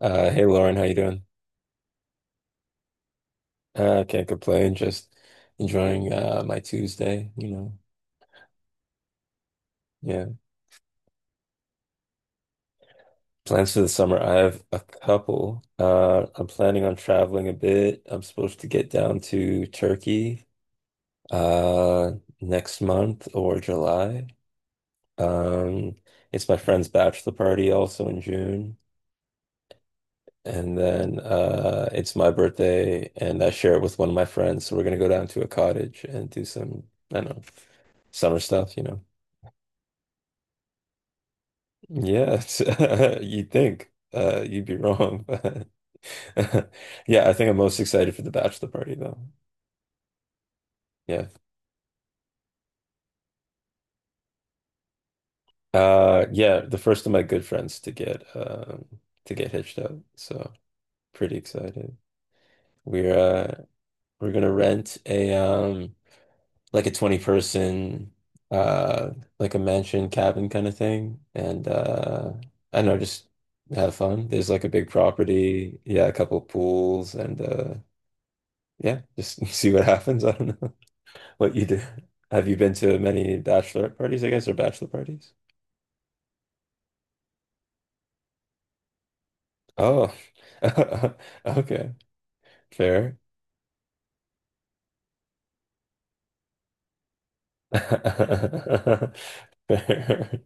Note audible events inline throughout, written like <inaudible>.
Hey Lauren, how you doing? Can't complain. Just enjoying my Tuesday, you know. Yeah. Plans for the summer. I have a couple. I'm planning on traveling a bit. I'm supposed to get down to Turkey uh next month or July. Um, it's my friend's bachelor party also in June. And then it's my birthday and I share it with one of my friends. So we're gonna go down to a cottage and do some, I don't know, summer stuff, you know. Yes, <laughs> you'd think you'd be wrong, <laughs> but yeah, I think I'm most excited for the bachelor party though. Yeah, yeah, the first of my good friends to get, to get hitched up, so pretty excited. We're, we're gonna rent a like a 20 person uh, like a mansion cabin kind of thing, and I don't know, just have fun. There's like a big property, yeah, a couple pools and. Yeah, just <laughs> see what happens. I don't know <laughs> what you do. Have you been to many bachelorette parties, I guess, or bachelor parties? Oh, <laughs> okay, fair. <laughs> Fair.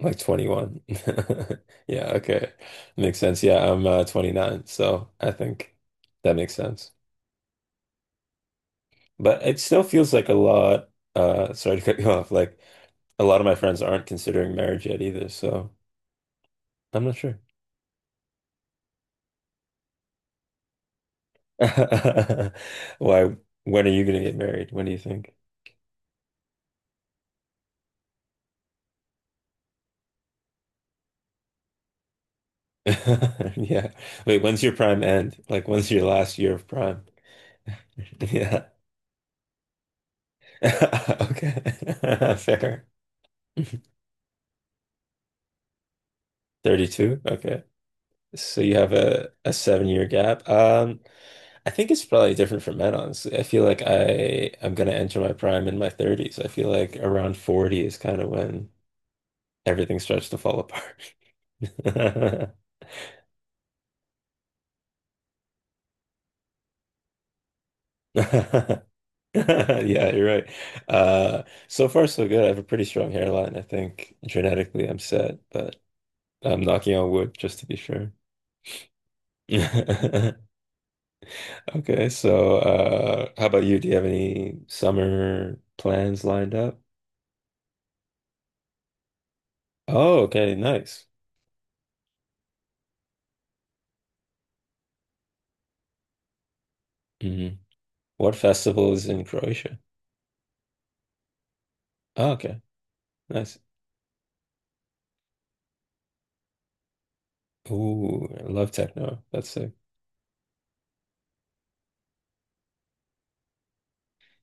Like 21. <laughs> Yeah, okay. Makes sense. Yeah, I'm 29, so I think that makes sense. But it still feels like a lot, sorry to cut you off, like a lot of my friends aren't considering marriage yet either, so I'm not sure. <laughs> Why, when are you gonna get married? When do you think? <laughs> Yeah. Wait, when's your prime end? Like, when's your last year of prime? <laughs> Yeah. <laughs> Okay. <laughs> Fair. <laughs> 32? Okay. So you have a seven-year gap. I think it's probably different for men, honestly. I feel like I'm gonna enter my prime in my 30s. I feel like around 40 is kind of when everything starts to fall apart. <laughs> <laughs> Yeah, you're right. So far, so good. I have a pretty strong hairline. I think genetically I'm set, but I'm knocking on wood just to be sure. <laughs> Okay, so how about you? Do you have any summer plans lined up? Oh, okay, nice. Hmm. What festival is in Croatia? Oh, okay, nice. Ooh, I love techno. That's sick.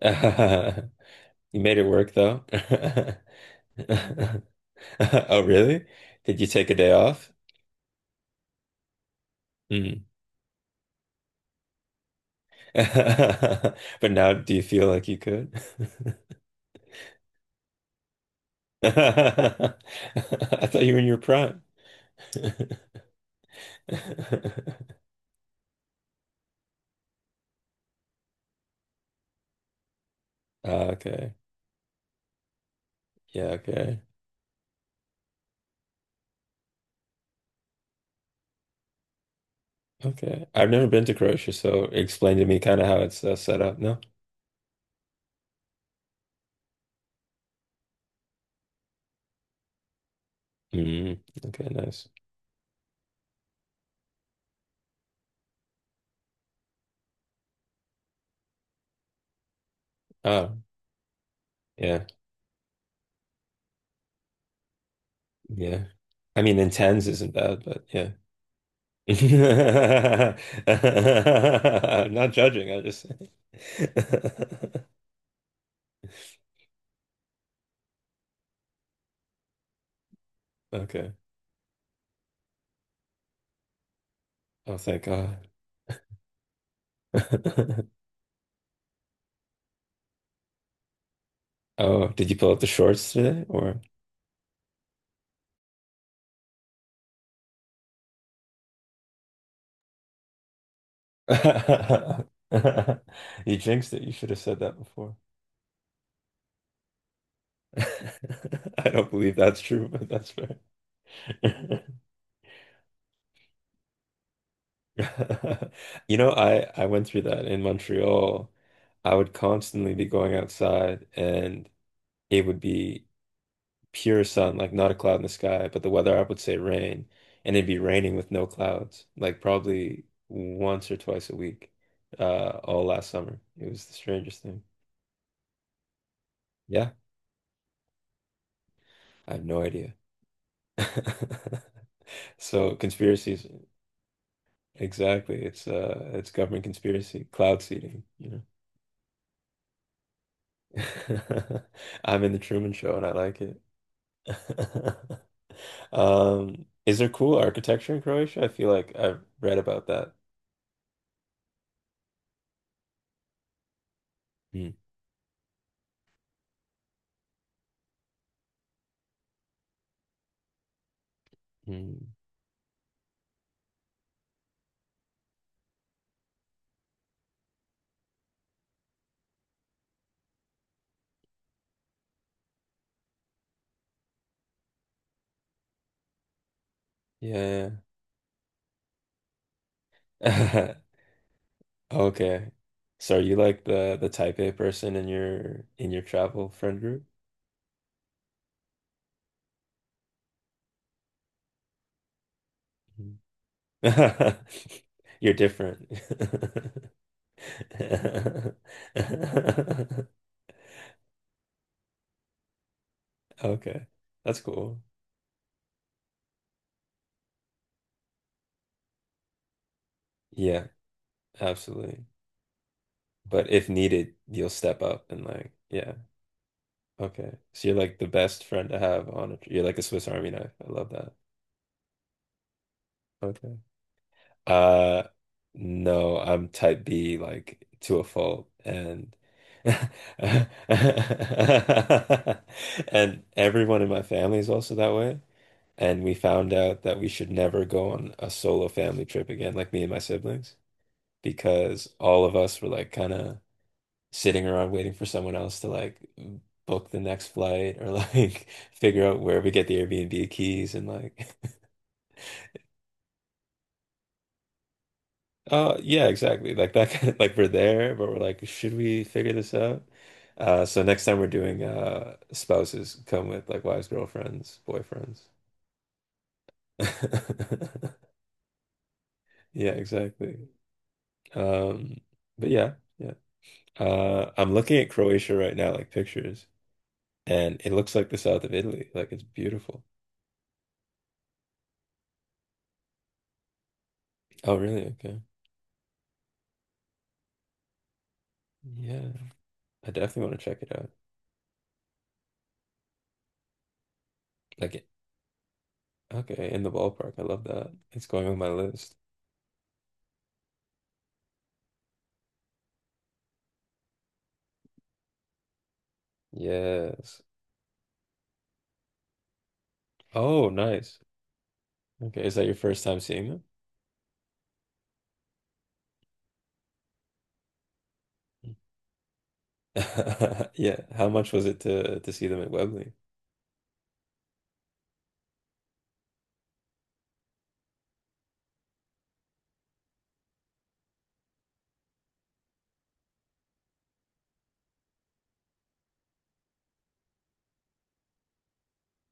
<laughs> You made it work though. <laughs> Oh, really? Did you take a day off? Hmm. <laughs> But now, do you feel like you could? <laughs> I thought you were in your prime. <laughs> Ah, okay. Yeah, okay. Okay. I've never been to Croatia, so explain to me kind of how it's set up. No? Mm, okay, nice. Oh, yeah. Yeah. I mean, in tens isn't bad, but yeah. <laughs> I'm not judging. I just. <laughs> Okay. Oh, thank God. <laughs> Oh, did you pull up the shorts today or? <laughs> You jinxed it. You should have said that before. <laughs> I don't believe that's true, but that's fair. <laughs> You know, I went through that in Montreal. I would constantly be going outside and it would be pure sun, like not a cloud in the sky, but the weather app would say rain, and it'd be raining with no clouds, like probably once or twice a week, all last summer. It was the strangest thing. Yeah. I have no idea. <laughs> So conspiracies, exactly. It's government conspiracy, cloud seeding, you know. <laughs> I'm in the Truman Show and I like it. <laughs> Is there cool architecture in Croatia? I feel like I've read about that. Mm, mm. Yeah. Yeah. <laughs> Okay. So are you like the type A person in your travel friend group? Mm. <laughs> You're different. <laughs> <laughs> Okay. That's cool. Yeah, absolutely. But if needed, you'll step up and like, yeah. Okay. So you're like the best friend to have on a, tr- you're like a Swiss Army knife. I love that. Okay. Uh, no, I'm type B, like to a fault. And <laughs> and everyone in my family is also that way. And we found out that we should never go on a solo family trip again, like me and my siblings, because all of us were like kind of sitting around waiting for someone else to like book the next flight or like <laughs> figure out where we get the Airbnb keys and like <laughs> oh yeah exactly, like that kind of like we're there but we're like, should we figure this out? So next time we're doing spouses come with like wives, girlfriends, boyfriends. <laughs> Yeah, exactly. Um, but yeah, yeah, I'm looking at Croatia right now, like pictures, and it looks like the south of Italy. Like it's beautiful. Oh, really? Okay. Yeah, I definitely want to check it out. Like, it- okay, in the ballpark. I love that. It's going on my list. Yes. Oh, nice. Okay, is that your first time seeing them? <laughs> Yeah. How much was it to see them at Webley?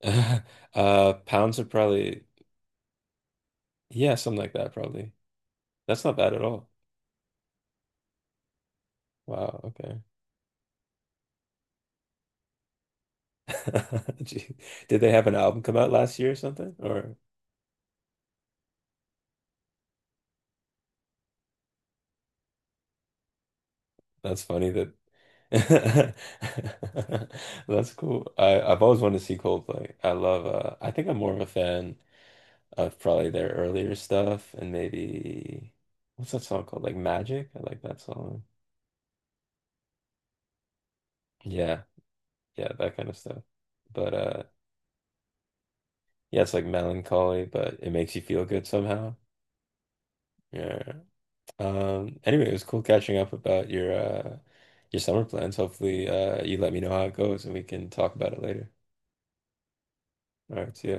<laughs> Pounds are probably yeah, something like that probably. That's not bad at all. Wow, okay. <laughs> Gee. Did they have an album come out last year or something? Or that's funny that. <laughs> That's cool. I I've always wanted to see Coldplay. I love I think I'm more of a fan of probably their earlier stuff and maybe, what's that song called? Like Magic? I like that song. Yeah. Yeah, that kind of stuff. But yeah, it's like melancholy, but it makes you feel good somehow. Yeah. Um, anyway, it was cool catching up about your summer plans. Hopefully you let me know how it goes and we can talk about it later. All right, see ya.